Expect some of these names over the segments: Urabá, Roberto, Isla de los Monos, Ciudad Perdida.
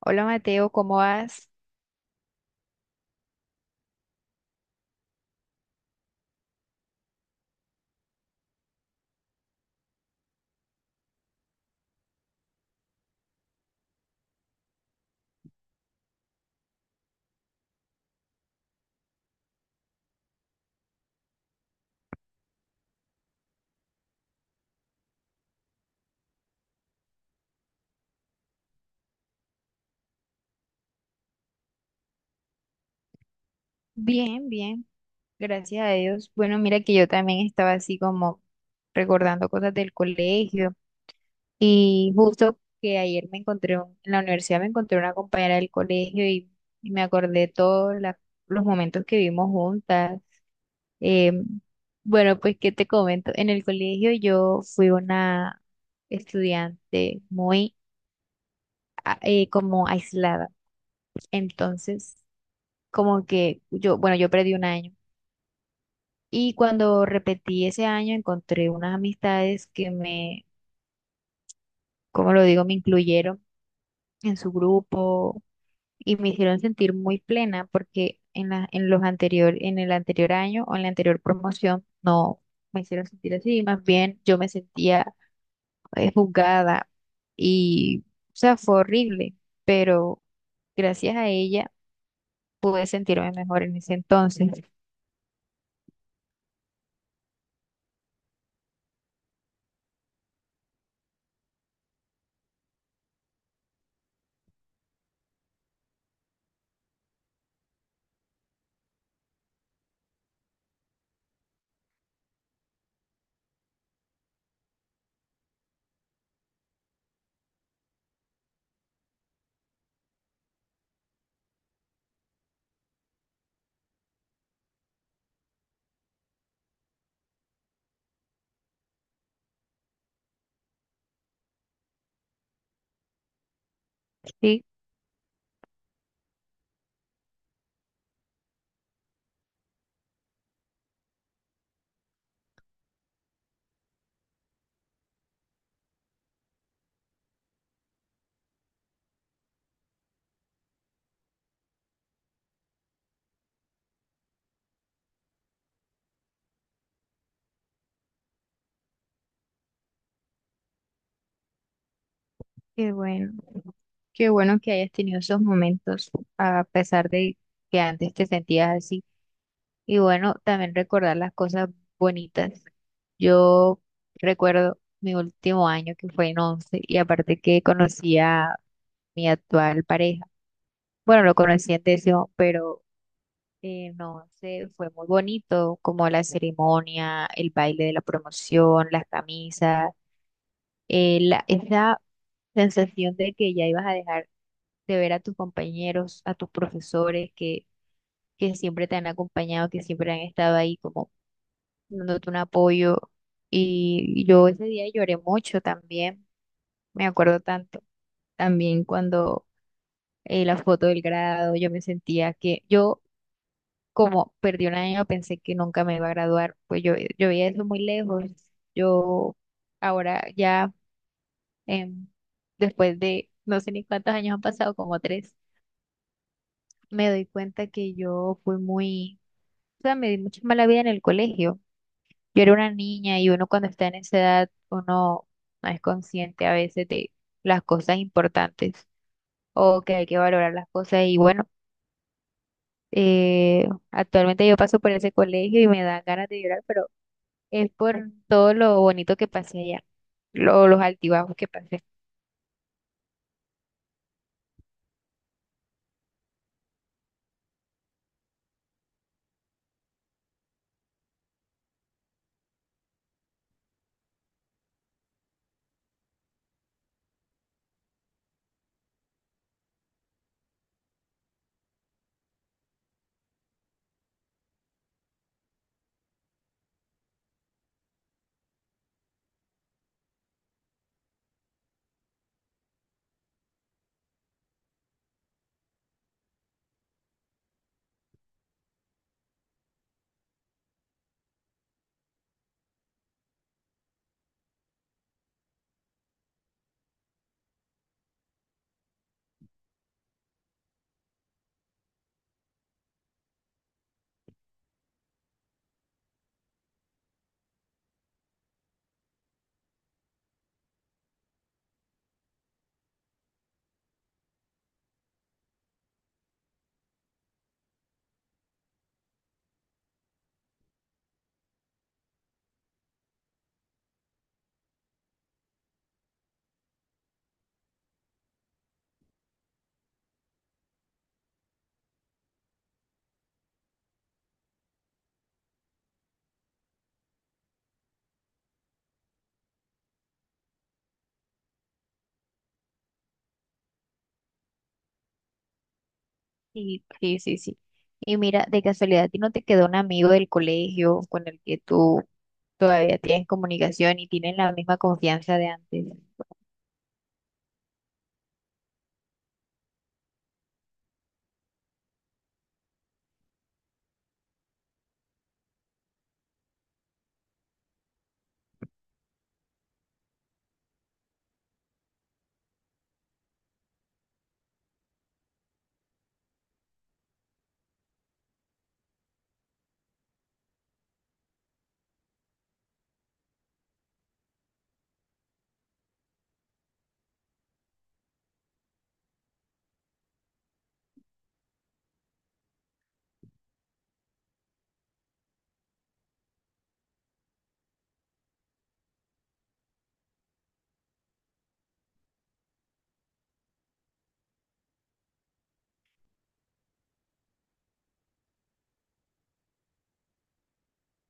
Hola Mateo, ¿cómo vas? Bien, bien, gracias a Dios. Bueno, mira que yo también estaba así como recordando cosas del colegio y justo que ayer me encontré en la universidad me encontré una compañera del colegio y me acordé todos los momentos que vivimos juntas. Eh, bueno, pues qué te comento. En el colegio yo fui una estudiante muy como aislada, entonces como que yo, bueno, yo perdí un año. Y cuando repetí ese año, encontré unas amistades que me, como lo digo, me incluyeron en su grupo y me hicieron sentir muy plena porque en los anterior, en el anterior año o en la anterior promoción no me hicieron sentir así, más bien yo me sentía juzgada y, o sea, fue horrible, pero gracias a ella pude sentirme mejor en ese entonces. Sí, qué bueno, qué bueno que hayas tenido esos momentos, a pesar de que antes te sentías así. Y bueno, también recordar las cosas bonitas. Yo recuerdo mi último año que fue en 11 y aparte que conocí a mi actual pareja. Bueno, lo conocí en décimo, pero no, se fue muy bonito, como la ceremonia, el baile de la promoción, las camisas, esa sensación de que ya ibas a dejar de ver a tus compañeros, a tus profesores que siempre te han acompañado, que siempre han estado ahí como dándote un apoyo. Y yo ese día lloré mucho también, me acuerdo tanto, también cuando la foto del grado, yo me sentía que yo como perdí un año, pensé que nunca me iba a graduar, pues yo veía eso muy lejos. Yo ahora ya, em, después de no sé ni cuántos años han pasado, como tres, me doy cuenta que yo fui muy, o sea, me di mucha mala vida en el colegio. Yo era una niña y uno cuando está en esa edad, uno no es consciente a veces de las cosas importantes o que hay que valorar las cosas y bueno. Actualmente yo paso por ese colegio y me da ganas de llorar, pero es por todo lo bonito que pasé allá, los altibajos que pasé. Sí, sí, sí, sí. Y mira, de casualidad, ¿a ti no te quedó un amigo del colegio con el que tú todavía tienes comunicación y tienen la misma confianza de antes?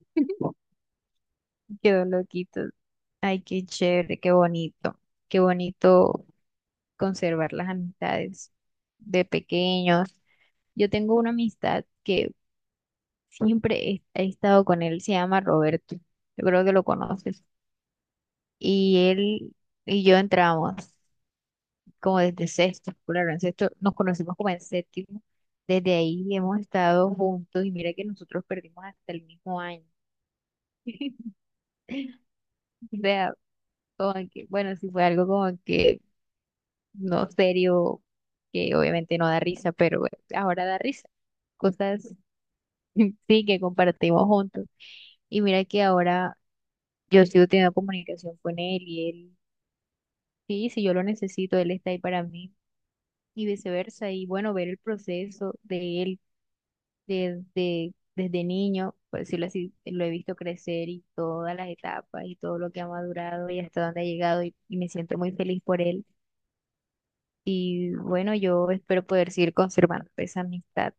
Quedó loquito. Ay, qué chévere, qué bonito. Qué bonito conservar las amistades de pequeños. Yo tengo una amistad que siempre he estado con él, se llama Roberto, yo creo que lo conoces. Y él y yo entramos como desde sexto, claro, en sexto nos conocimos como en séptimo, desde ahí hemos estado juntos y mira que nosotros perdimos hasta el mismo año. O sea, como que, bueno, sí fue algo como que no serio, que obviamente no da risa, pero bueno, ahora da risa. Cosas, sí, que compartimos juntos. Y mira que ahora yo sigo teniendo comunicación con él y él, sí, si yo lo necesito, él está ahí para mí y viceversa. Y bueno, ver el proceso de él desde niño, por decirlo así, lo he visto crecer y todas las etapas y todo lo que ha madurado y hasta dónde ha llegado y me siento muy feliz por él. Y bueno, yo espero poder seguir conservando esa amistad,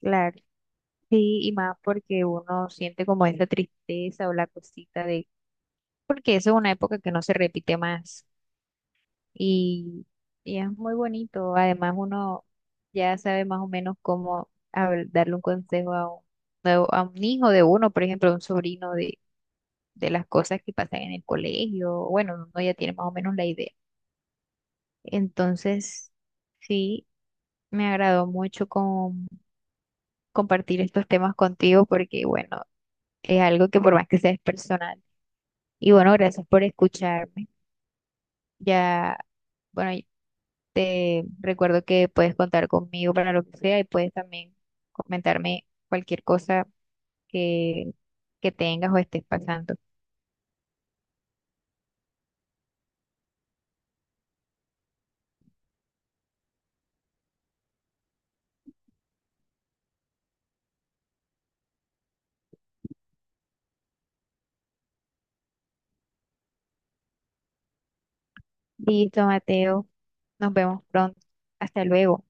claro. Sí, y más porque uno siente como esa tristeza o la cosita de, porque eso es una época que no se repite más. Y, y es muy bonito. Además, uno ya sabe más o menos cómo darle un consejo a a un hijo de uno, por ejemplo, a un sobrino de las cosas que pasan en el colegio. Bueno, uno ya tiene más o menos la idea. Entonces, sí, me agradó mucho compartir estos temas contigo porque, bueno, es algo que por más que sea es personal. Y bueno, gracias por escucharme. Ya. Bueno, te recuerdo que puedes contar conmigo para lo que sea y puedes también comentarme cualquier cosa que, que tengas o estés pasando. Listo, Mateo. Nos vemos pronto. Hasta luego.